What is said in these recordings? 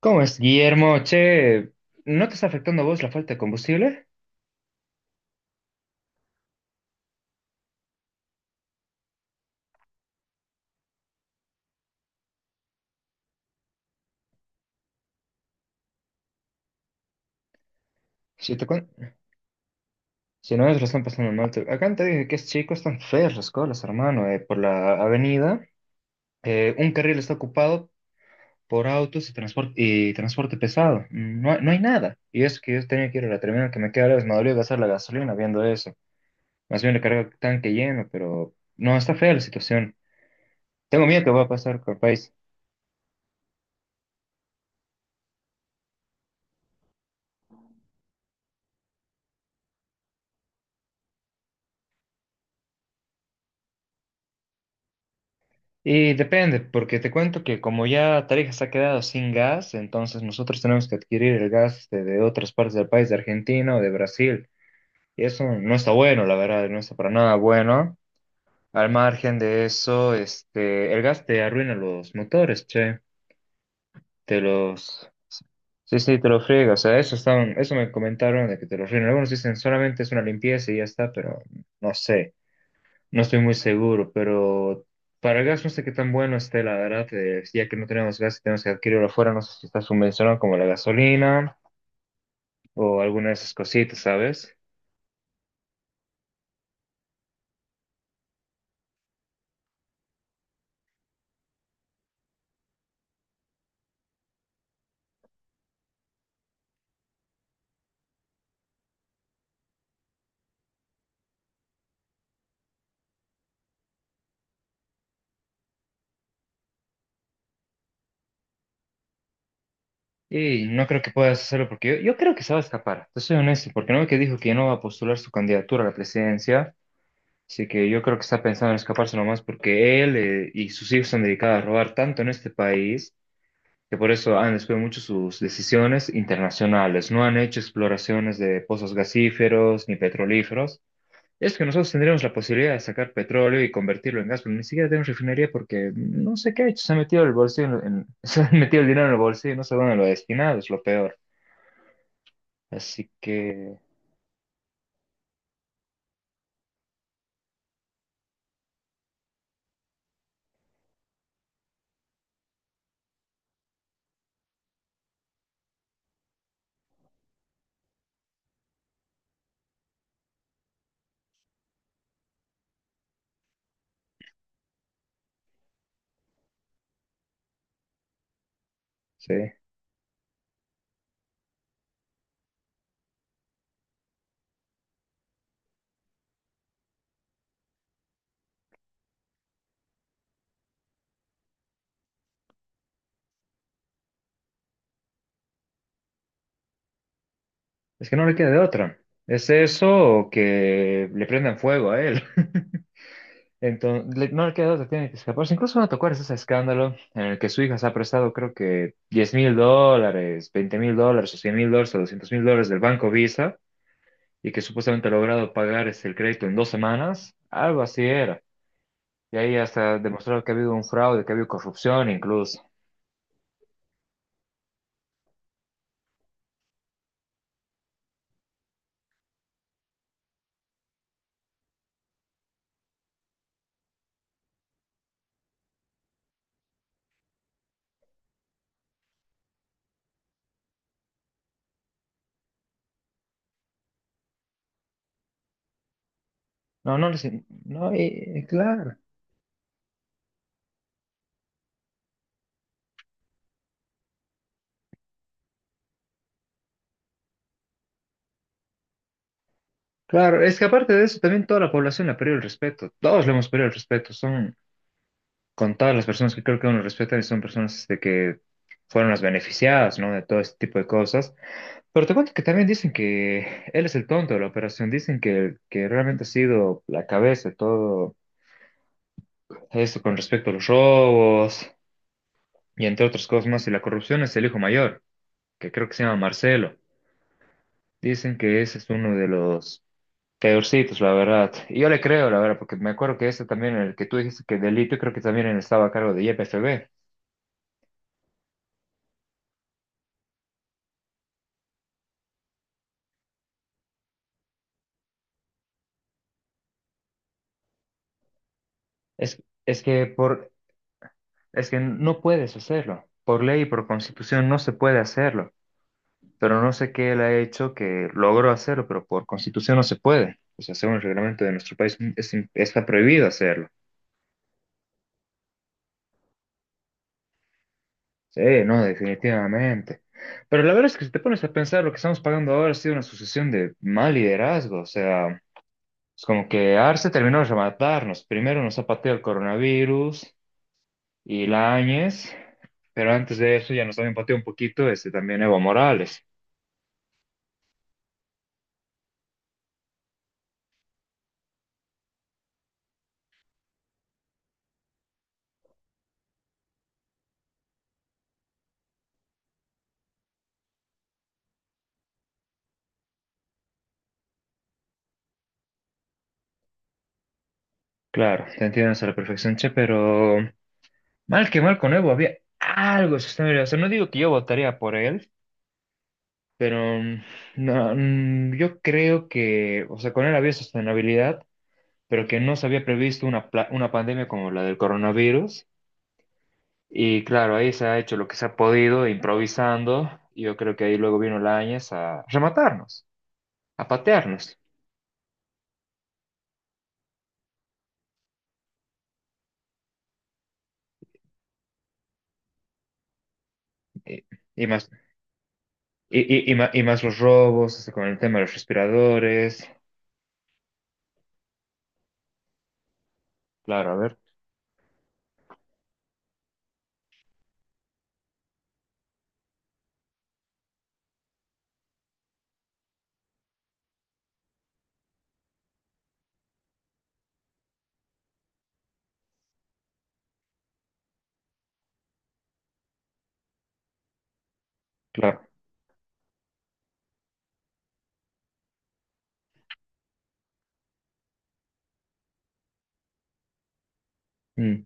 ¿Cómo es, Guillermo? Che, ¿no te está afectando a vos la falta de combustible? Si, te cuen- si no, ellos lo están pasando mal. Acá te dije que es chico, están feas las colas, hermano, por la avenida. Un carril está ocupado por autos y transporte pesado. No, no hay nada. Y es que yo tenía que ir a la terminal que me queda lejos, me dolió gastar la gasolina viendo eso. Más bien le cargo el tanque lleno, pero no, está fea la situación. Tengo miedo que va a pasar con el país. Y depende, porque te cuento que como ya Tarija se ha quedado sin gas, entonces nosotros tenemos que adquirir el gas de otras partes del país, de Argentina o de Brasil. Y eso no está bueno, la verdad, no está para nada bueno. Al margen de eso, este, el gas te arruina los motores, che. Te los... Sí, sí, te lo friega. O sea, eso están eso me comentaron de que te lo arruina. Algunos dicen solamente es una limpieza y ya está, pero no sé. No estoy muy seguro, pero para el gas no sé qué tan bueno esté, la verdad, ya que no tenemos gas y tenemos que adquirirlo afuera, no sé si está subvencionado como la gasolina o alguna de esas cositas, ¿sabes? Y no creo que puedas hacerlo porque yo creo que se va a escapar, te soy honesto, porque no ve que dijo que ya no va a postular su candidatura a la presidencia, así que yo creo que está pensando en escaparse nomás porque él y sus hijos se han dedicado a robar tanto en este país que por eso han desviado mucho sus decisiones internacionales. No han hecho exploraciones de pozos gasíferos ni petrolíferos. Es que nosotros tendríamos la posibilidad de sacar petróleo y convertirlo en gas, pero ni siquiera tenemos refinería porque no sé qué ha hecho. Se ha metido el bolsillo se ha metido el dinero en el bolsillo y no sé dónde lo ha destinado, es lo peor. Así que, sí, es que no le queda de otra. Es eso o que le prendan fuego a él. Entonces, no le queda otra, tiene que escaparse. Incluso van a tocar ese escándalo en el que su hija se ha prestado, creo que $10,000, $20,000, o $100,000, o $200,000 del banco Visa, y que supuestamente ha logrado pagar este, el crédito en 2 semanas. Algo así era. Y ahí hasta demostrado que ha habido un fraude, que ha habido corrupción incluso. No, no, les- no, claro, claro. Es que aparte de eso, también toda la población le ha perdido el respeto. Todos le hemos perdido el respeto. Son, con todas las personas que creo que uno respeta y son personas este, que fueron las beneficiadas, ¿no? De todo este tipo de cosas. Pero te cuento que también dicen que él es el tonto de la operación, dicen que realmente ha sido la cabeza de todo eso con respecto a los robos y entre otras cosas más. Y la corrupción es el hijo mayor, que creo que se llama Marcelo. Dicen que ese es uno de los peorcitos, la verdad. Y yo le creo, la verdad, porque me acuerdo que ese también, el que tú dijiste que delito, creo que también él estaba a cargo de YPFB. Es, es que por Es que no puedes hacerlo. Por ley y por constitución no se puede hacerlo. Pero no sé qué él ha hecho que logró hacerlo, pero por constitución no se puede. O sea, según el reglamento de nuestro país es está prohibido hacerlo. Sí, no, definitivamente. Pero la verdad es que si te pones a pensar, lo que estamos pagando ahora ha sido una sucesión de mal liderazgo. O sea, es como que Arce terminó de rematarnos. Primero nos ha pateado el coronavirus y Áñez, pero antes de eso ya nos habían pateado un poquito este, también Evo Morales. Claro, te entiendo hasta la perfección, che, pero mal que mal con Evo había algo sostenible. O sea, no digo que yo votaría por él, pero no, yo creo que, o sea, con él había sostenibilidad, pero que no se había previsto una, una pandemia como la del coronavirus. Y claro, ahí se ha hecho lo que se ha podido, improvisando. Yo creo que ahí luego vino Lañez a rematarnos, a patearnos. Y, y más, y, y ma- y más los robos, o sea, con el tema de los respiradores. Claro, a ver, claro. Mm.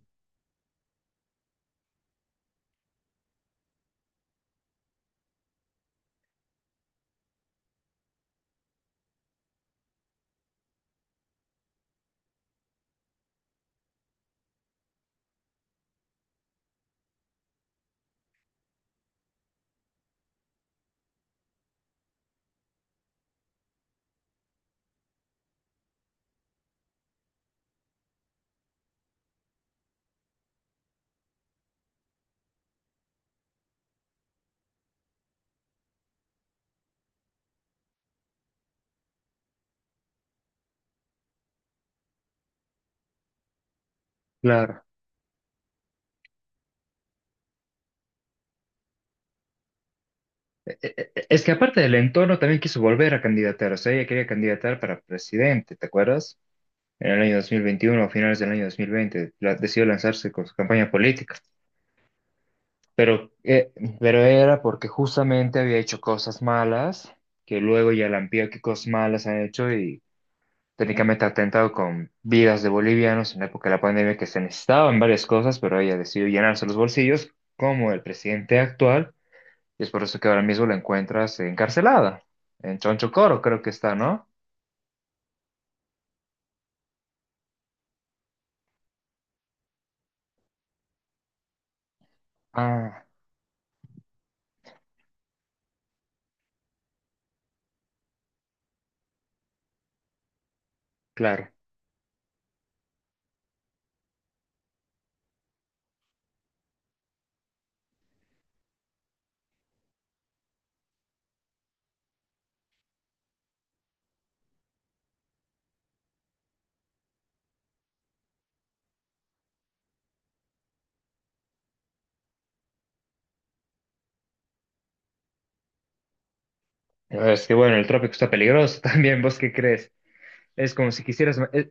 Claro. Es que aparte del entorno, también quiso volver a candidatar. O sea, ella quería candidatar para presidente, ¿te acuerdas? En el año 2021 a finales del año 2020, decidió lanzarse con su campaña política. Pero, eh, pero era porque justamente había hecho cosas malas, que luego ya la amplió qué cosas malas han hecho y técnicamente ha atentado con vidas de bolivianos en la época de la pandemia que se necesitaban varias cosas, pero ella decidió llenarse los bolsillos como el presidente actual. Y es por eso que ahora mismo la encuentras encarcelada, en Chonchocoro creo que está, ¿no? Ah, claro. Es que bueno, el trópico está peligroso también, ¿vos qué crees? Es como si quisieras,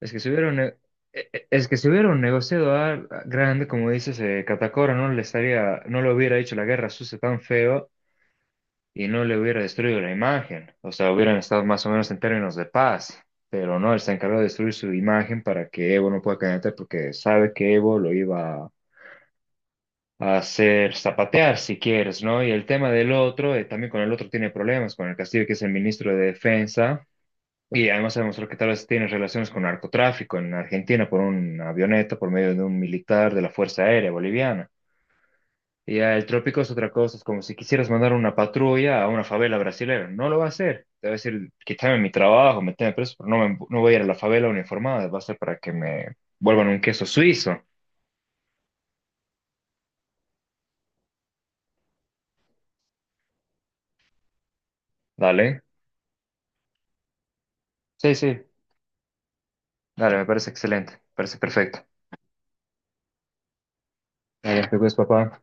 es que si hubiera un, ne- e- Es que si hubiera un negociador grande, como dices, Catacora no le hubiera hecho la guerra sucia tan feo y no le hubiera destruido la imagen. O sea, hubieran estado más o menos en términos de paz, pero no, él se encargó de destruir su imagen para que Evo no pueda candidatar porque sabe que Evo lo iba hacer zapatear si quieres, ¿no? Y el tema del otro, también con el otro tiene problemas, con el Castillo, que es el ministro de Defensa, y además se demostró que tal vez tiene relaciones con narcotráfico en Argentina por una avioneta, por medio de un militar de la Fuerza Aérea Boliviana. Y ya el trópico es otra cosa, es como si quisieras mandar una patrulla a una favela brasileña, no lo va a hacer. Te va a decir, quítame mi trabajo, meteme preso, pero no, no voy a ir a la favela uniformada, va a ser para que me vuelvan un queso suizo, ¿dale? Sí, sí, dale, me parece excelente, me parece perfecto. A las películas, papá.